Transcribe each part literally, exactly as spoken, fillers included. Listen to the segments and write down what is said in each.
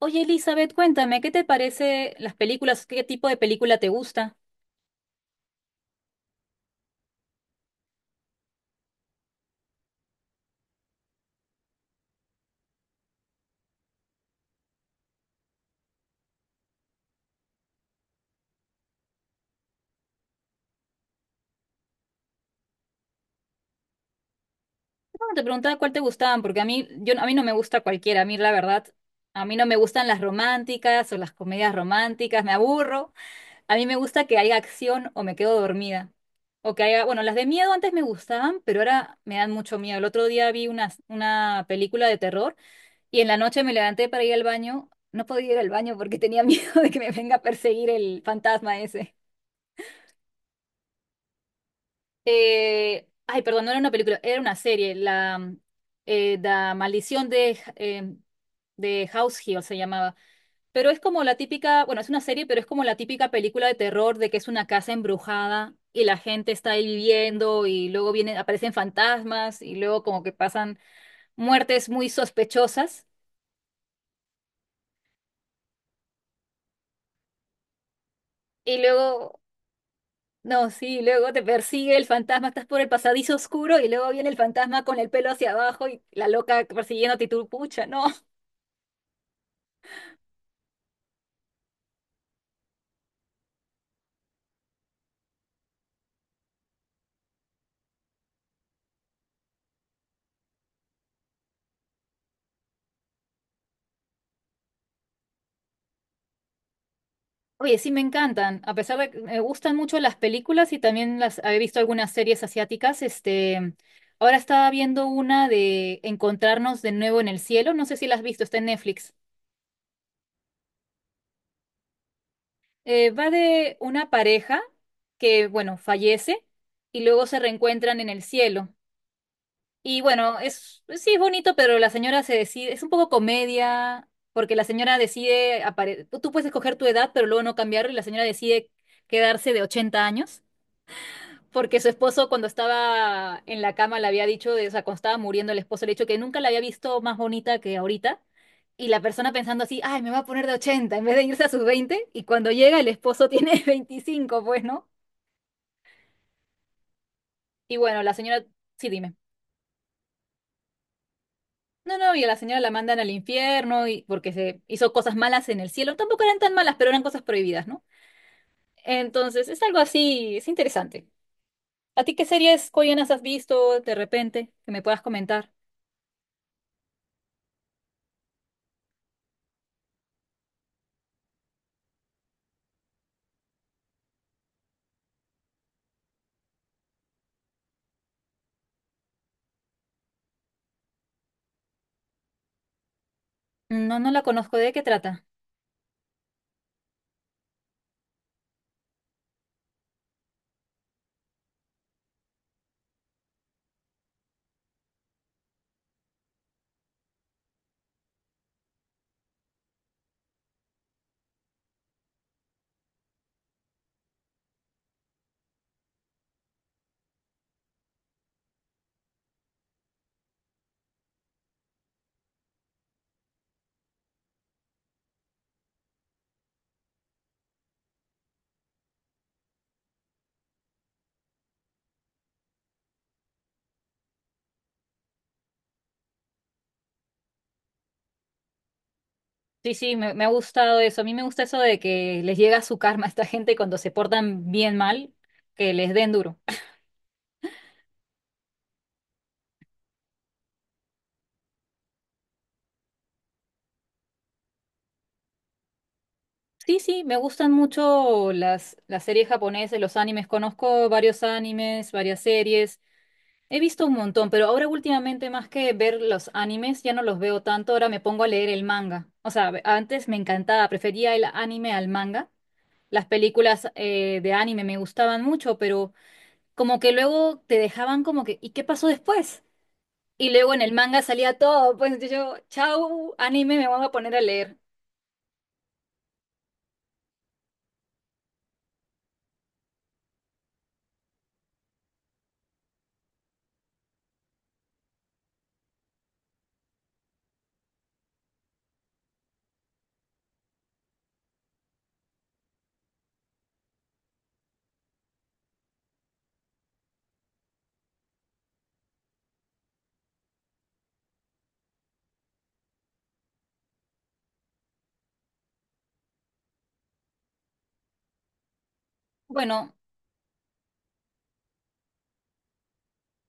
Oye, Elizabeth, cuéntame, ¿qué te parece las películas? ¿Qué tipo de película te gusta? No, te preguntaba cuál te gustaban, porque a mí, yo, a mí no me gusta cualquiera, a mí la verdad, a mí no me gustan las románticas o las comedias románticas, me aburro. A mí me gusta que haya acción o me quedo dormida. O que haya, bueno, las de miedo antes me gustaban, pero ahora me dan mucho miedo. El otro día vi una, una película de terror y en la noche me levanté para ir al baño. No podía ir al baño porque tenía miedo de que me venga a perseguir el fantasma ese. Eh, ay, perdón, no era una película, era una serie. La, mm, eh, La Maldición de, eh, de House Hill se llamaba. Pero es como la típica, bueno, es una serie, pero es como la típica película de terror de que es una casa embrujada y la gente está ahí viviendo y luego vienen, aparecen fantasmas y luego como que pasan muertes muy sospechosas. Y luego, no, sí, luego te persigue el fantasma, estás por el pasadizo oscuro y luego viene el fantasma con el pelo hacia abajo y la loca persiguiéndote y tú, pucha, no. Oye, sí me encantan, a pesar de que me gustan mucho las películas y también las he visto algunas series asiáticas, este, ahora estaba viendo una de Encontrarnos de Nuevo en el Cielo, no sé si la has visto, está en Netflix. Eh, va de una pareja que, bueno, fallece y luego se reencuentran en el cielo. Y bueno, es, sí es bonito, pero la señora se decide, es un poco comedia, porque la señora decide, apare- tú tú puedes escoger tu edad, pero luego no cambiarlo y la señora decide quedarse de ochenta años. Porque su esposo cuando estaba en la cama le había dicho, de- o sea, cuando estaba muriendo el esposo le había dicho que nunca la había visto más bonita que ahorita. Y la persona pensando así, ay, me va a poner de ochenta en vez de irse a sus veinte. Y cuando llega el esposo tiene veinticinco, pues, ¿no? Y bueno, la señora, sí, dime. No, no, y a la señora la mandan al infierno y porque se hizo cosas malas en el cielo. Tampoco eran tan malas, pero eran cosas prohibidas, ¿no? Entonces, es algo así, es interesante. ¿A ti qué series coreanas has visto de repente que me puedas comentar? No, no la conozco. ¿De qué trata? Sí, sí, me, me ha gustado eso. A mí me gusta eso de que les llega su karma a esta gente cuando se portan bien mal, que les den duro. Sí, sí, me gustan mucho las, las series japonesas, los animes. Conozco varios animes, varias series. He visto un montón, pero ahora últimamente más que ver los animes, ya no los veo tanto. Ahora me pongo a leer el manga. O sea, ve- antes me encantaba, prefería el anime al manga. Las películas eh, de anime me gustaban mucho, pero como que luego te dejaban como que, ¿y qué pasó después? Y luego en el manga salía todo, pues yo, chau, anime, me voy a poner a leer. Bueno,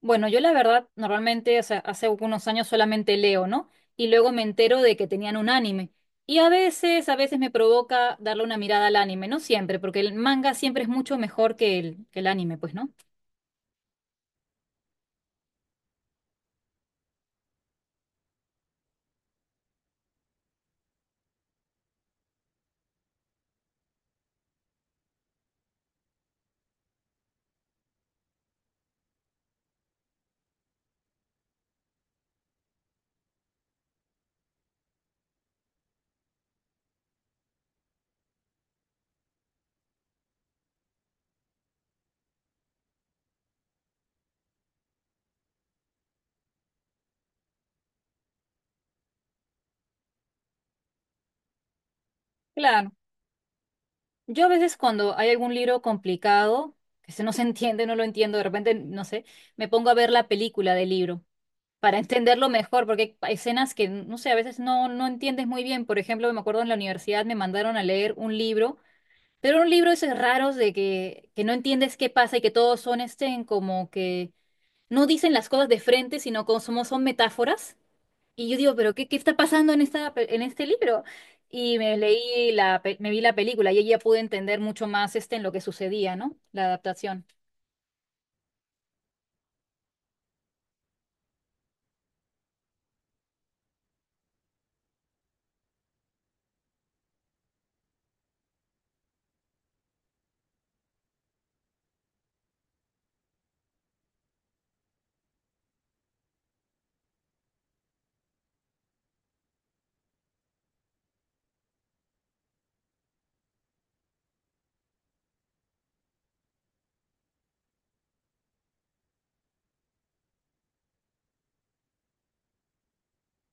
bueno, yo la verdad, normalmente, o sea, hace algunos años solamente leo, ¿no? Y luego me entero de que tenían un anime. Y a veces, a veces me provoca darle una mirada al anime, no siempre, porque el manga siempre es mucho mejor que el, que el anime, pues, ¿no? Claro. Yo a veces cuando hay algún libro complicado, que se no se entiende, no lo entiendo, de repente, no sé, me pongo a ver la película del libro, para entenderlo mejor, porque hay escenas que, no sé, a veces no, no entiendes muy bien. Por ejemplo, me acuerdo en la universidad me mandaron a leer un libro, pero era un libro de esos raros de que, que no entiendes qué pasa y que todos son estén como que no dicen las cosas de frente, sino como son, son metáforas. Y yo digo, pero ¿qué, qué está pasando en esta, pe- en este libro? Y me leí la, pe- me vi la película y ahí ya pude entender mucho más este en lo que sucedía, ¿no? La adaptación.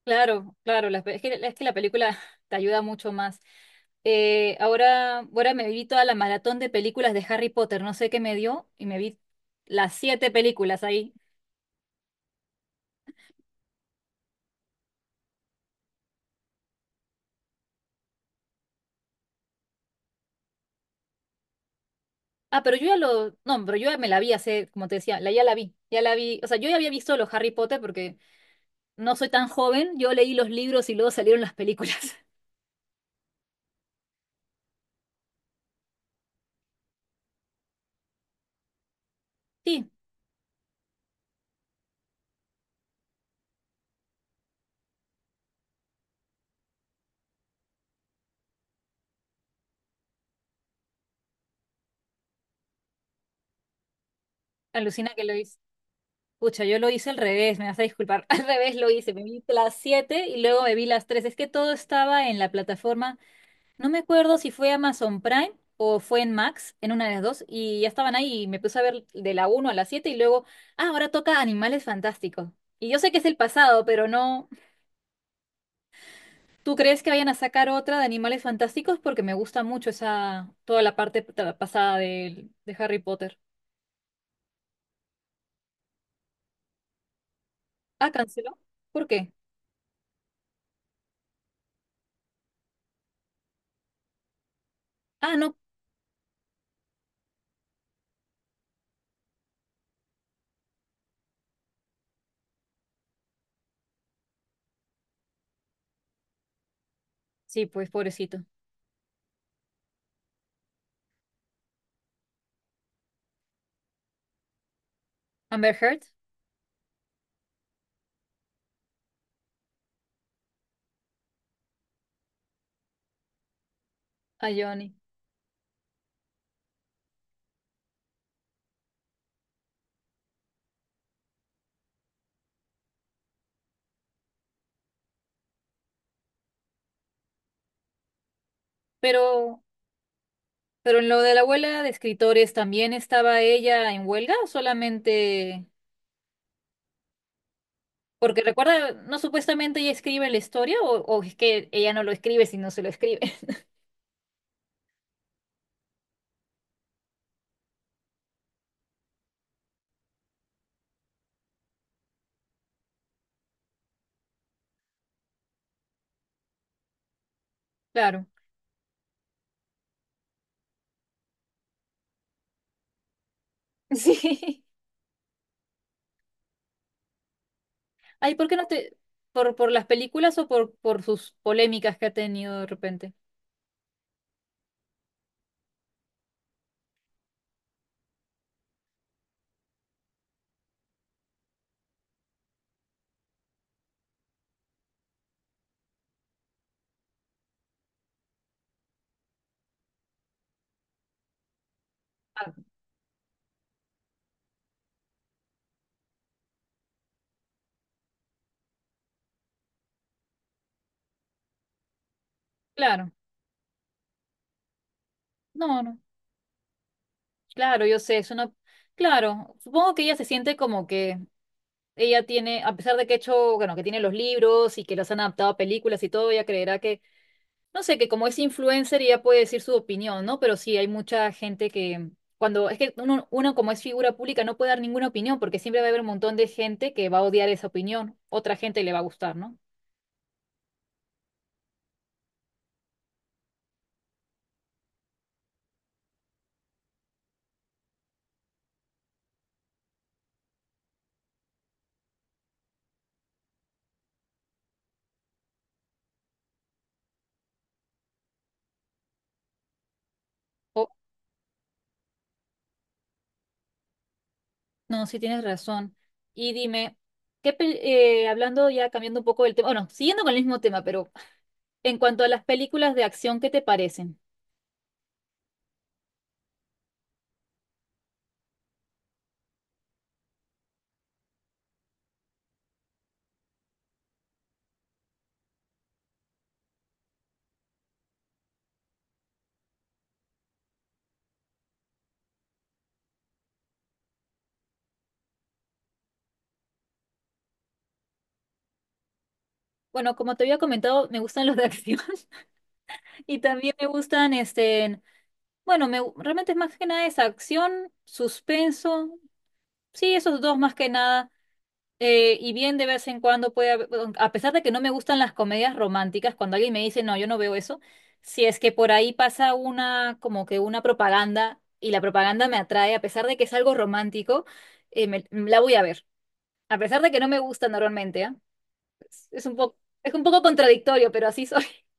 Claro, claro, la pe- es que, es que la película te ayuda mucho más. Eh, ahora, ahora me vi toda la maratón de películas de Harry Potter, no sé qué me dio, y me vi las siete películas ahí. Ah, pero yo ya lo, no, pero yo ya me la vi hace, como te decía, la, ya la vi, ya la vi, o sea, yo ya había visto los Harry Potter porque no soy tan joven, yo leí los libros y luego salieron las películas. Sí, alucina que lo hice. Pucha, yo lo hice al revés, me vas a disculpar, al revés lo hice, me vi las siete y luego me vi las tres, es que todo estaba en la plataforma. No me acuerdo si fue Amazon Prime o fue en Max, en una de las dos, y ya estaban ahí y me puse a ver de la uno a la siete y luego, ah, ahora toca Animales Fantásticos. Y yo sé que es el pasado, pero no. ¿Tú crees que vayan a sacar otra de Animales Fantásticos? Porque me gusta mucho esa, toda la parte pa- pasada de, de Harry Potter. Ah, canceló. ¿Por qué? Ah, no. Sí, pues pobrecito. Amber Heard, a Johnny. Pero, pero en lo de la abuela de escritores, ¿también estaba ella en huelga o solamente? Porque recuerda, no supuestamente ella escribe la historia o, o es que ella no lo escribe si no se lo escribe. Claro. Sí. Ay, ¿por qué no te... por, por las películas o por, por sus polémicas que ha tenido de repente? Ah, claro. No, no. Claro, yo sé, es una... Claro, supongo que ella se siente como que ella tiene, a pesar de que ha hecho, bueno, que tiene los libros y que los han adaptado a películas y todo, ella creerá que no sé, que como es influencer ya puede decir su opinión, ¿no? Pero sí, hay mucha gente que cuando es que uno, uno como es figura pública no puede dar ninguna opinión porque siempre va a haber un montón de gente que va a odiar esa opinión, otra gente le va a gustar, ¿no? O, no, sí tienes razón. Y dime, ¿qué pel- eh, hablando ya cambiando un poco del tema, bueno, siguiendo con el mismo tema, pero en cuanto a las películas de acción, ¿qué te parecen? Bueno, como te había comentado, me gustan los de acción y también me gustan este bueno, me, realmente es más que nada esa acción, suspenso. Sí, esos dos más que nada. eh, y bien de vez en cuando puede haber, bueno, a pesar de que no me gustan las comedias románticas, cuando alguien me dice, no, yo no veo eso, si es que por ahí pasa una, como que una propaganda y la propaganda me atrae, a pesar de que es algo romántico, eh, me- la voy a ver. A pesar de que no me gusta normalmente, ¿ah? Es, es un poco, es un poco contradictorio, pero así soy.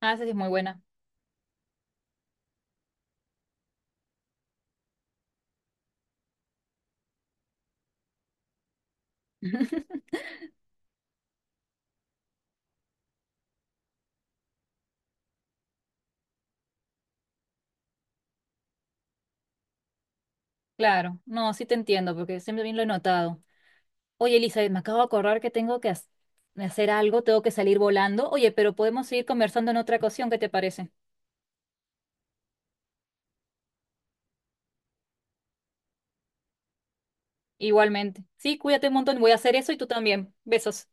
Ah, esa sí es muy buena. Claro, no, sí te entiendo, porque siempre bien lo he notado. Oye, Elizabeth, me acabo de acordar que tengo que has- hacer algo, tengo que salir volando. Oye, pero podemos seguir conversando en otra ocasión, ¿qué te parece? Igualmente. Sí, cuídate un montón, voy a hacer eso y tú también. Besos.